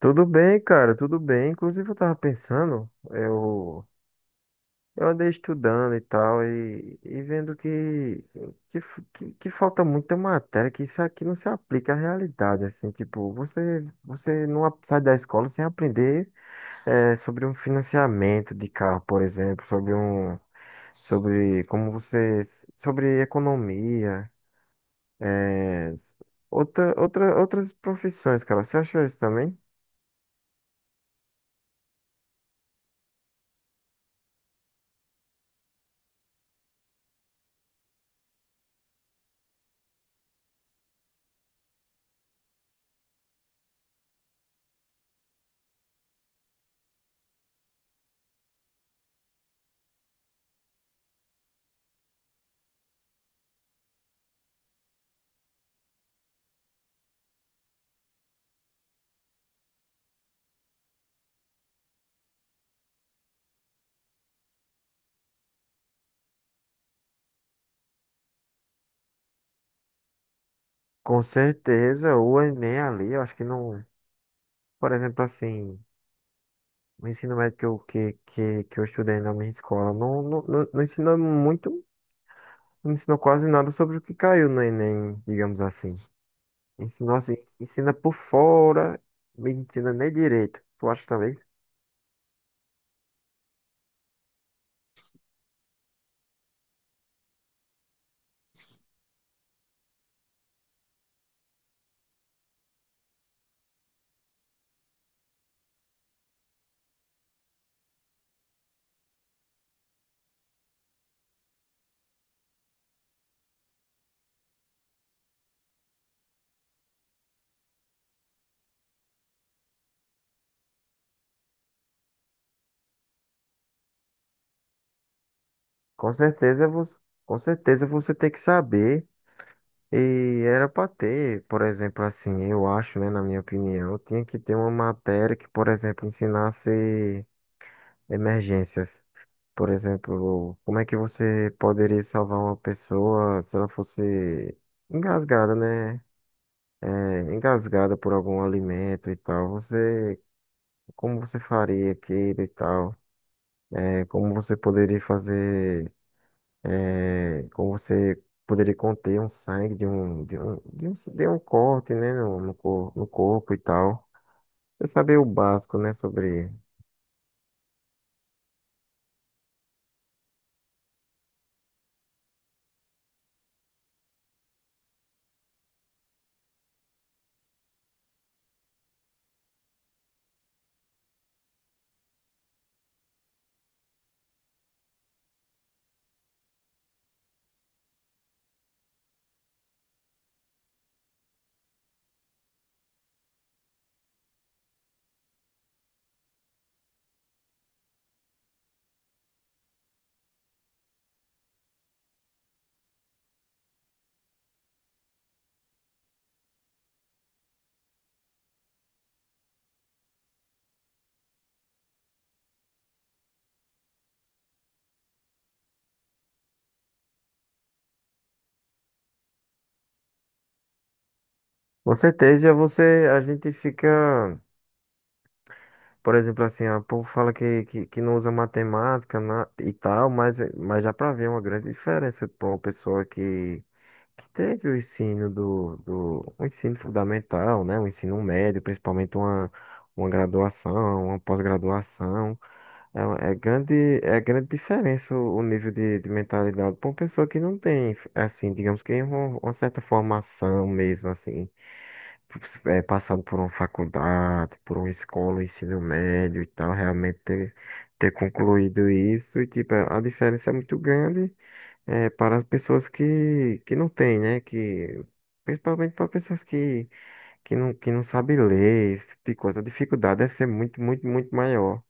Tudo bem, cara, tudo bem. Inclusive, eu tava pensando, eu andei estudando e tal, e vendo que, que falta muita matéria, que isso aqui não se aplica à realidade, assim, tipo, você não sai da escola sem aprender sobre um financiamento de carro, por exemplo, sobre um, sobre como você, sobre economia, eh, outras profissões, cara. Você achou isso também? Com certeza, o Enem ali, eu acho que não. Por exemplo, assim, o ensino médio que eu estudei na minha escola não ensinou muito, não ensinou quase nada sobre o que caiu no Enem, digamos assim. Ensinou assim, ensina por fora, não ensina nem direito. Tu acha também? Com certeza você, com certeza você tem que saber. E era para ter, por exemplo, assim, eu acho, né, na minha opinião, tinha que ter uma matéria que, por exemplo, ensinasse emergências. Por exemplo, como é que você poderia salvar uma pessoa se ela fosse engasgada, né? É, engasgada por algum alimento e tal. Você, como você faria aquilo e tal? É, como você poderia fazer? É, como você poderia conter um sangue de um corte, né? No corpo e tal. Você saber o básico, né? Sobre. Com certeza você a gente fica Por exemplo, assim, ó, o povo fala que não usa matemática e tal, mas já pra ver uma grande diferença para uma pessoa que teve o ensino do o ensino fundamental, né? O ensino médio, principalmente uma graduação, uma pós-graduação. É, é grande diferença o nível de mentalidade para uma pessoa que não tem, assim, digamos que uma certa formação mesmo, assim é, passado por uma faculdade, por uma escola, um ensino médio e tal, realmente ter concluído isso, e tipo, a diferença é muito grande é, para as pessoas que não têm, né? Que, principalmente para pessoas que não sabem ler, esse tipo de coisa, a dificuldade deve ser muito, muito, muito maior.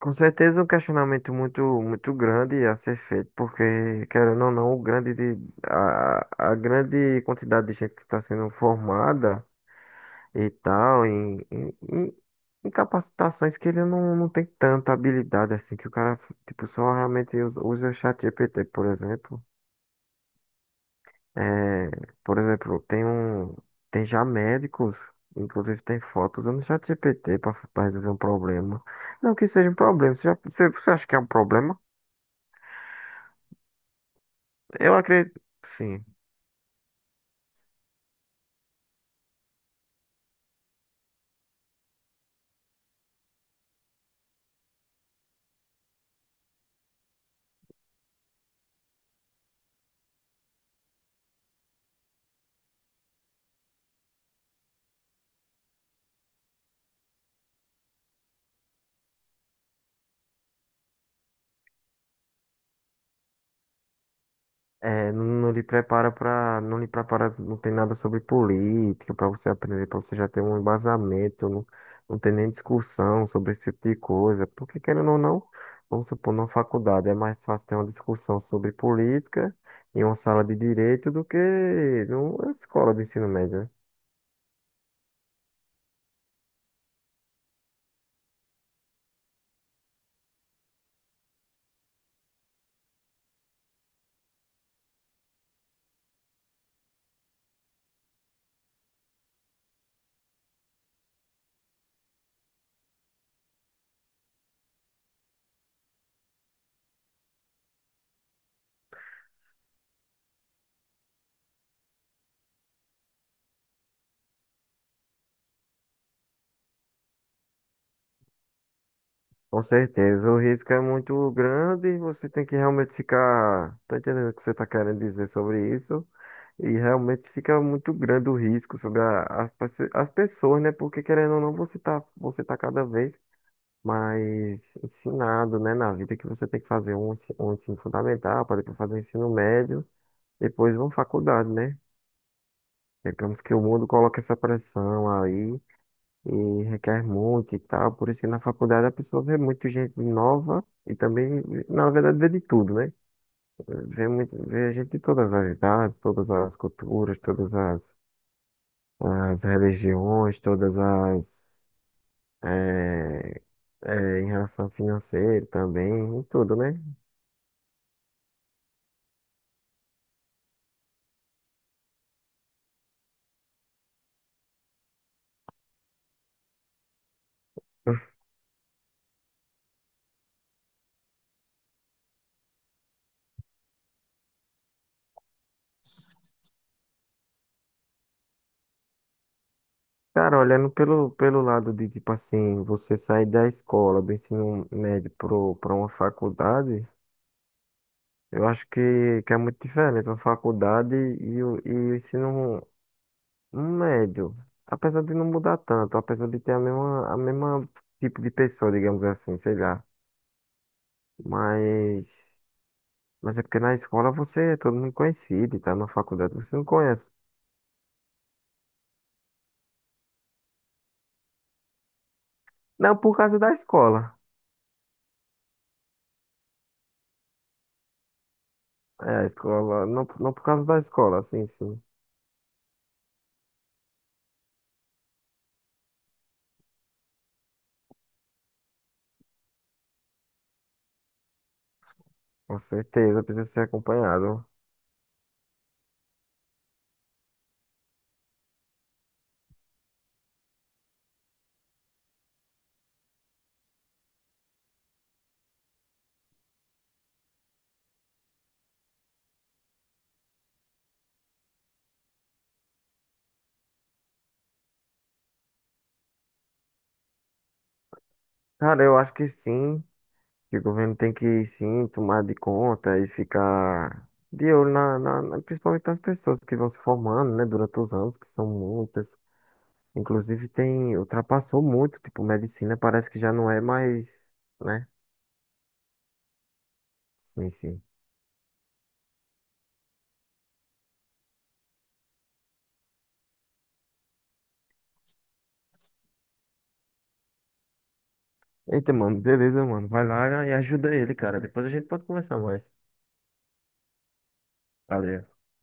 Com certeza um questionamento muito, muito grande a ser feito, porque, querendo ou não, o grande de, a, a grande quantidade de gente que está sendo formada e tal, em capacitações que ele não tem tanta habilidade assim, que o cara, tipo, só realmente usa o ChatGPT, por exemplo. É, por exemplo, tem um, tem já médicos, inclusive tem fotos usando o ChatGPT para resolver um problema. Não que seja um problema, você acha que é um problema? Eu acredito, sim. É, não lhe prepara para, não lhe prepara, não tem nada sobre política para você aprender, para você já ter um embasamento, não, não tem nem discussão sobre esse tipo de coisa. Porque querendo ou não, vamos supor, numa faculdade é mais fácil ter uma discussão sobre política em uma sala de direito do que numa escola de ensino médio, né? Com certeza, o risco é muito grande e você tem que realmente ficar. Tô entendendo o que você está querendo dizer sobre isso. E realmente fica muito grande o risco sobre as pessoas, né? Porque querendo ou não, você tá cada vez mais ensinado, né? Na vida que você tem que fazer um, um ensino fundamental, para depois fazer um ensino médio, depois uma faculdade, né? Digamos que o mundo coloca essa pressão aí e requer muito e tal. Por isso que na faculdade a pessoa vê muito gente nova e também, na verdade, vê de tudo, né? Vê gente de todas as idades, todas as culturas, todas as as religiões, todas as. eh, em relação financeira também, e tudo, né? Cara, olhando pelo lado de, tipo assim, você sair da escola, do ensino médio pra uma faculdade, eu acho que é muito diferente uma faculdade e e o ensino médio. Apesar de não mudar tanto, apesar de ter a mesma tipo de pessoa, digamos assim, sei lá. Mas. Mas é porque na escola você é todo mundo conhecido e tá na faculdade você não conhece. Não por causa da escola. É, a escola, não, não por causa da escola, sim, sim. Com certeza precisa ser acompanhado. Cara, eu acho que sim, que o governo tem que sim tomar de conta e ficar de olho principalmente nas pessoas que vão se formando, né, durante os anos, que são muitas. Inclusive tem, ultrapassou muito, tipo, medicina parece que já não é mais, né? Sim, sim. Eita, mano, beleza, mano. Vai lá e ajuda ele, cara. Depois a gente pode conversar mais. Valeu.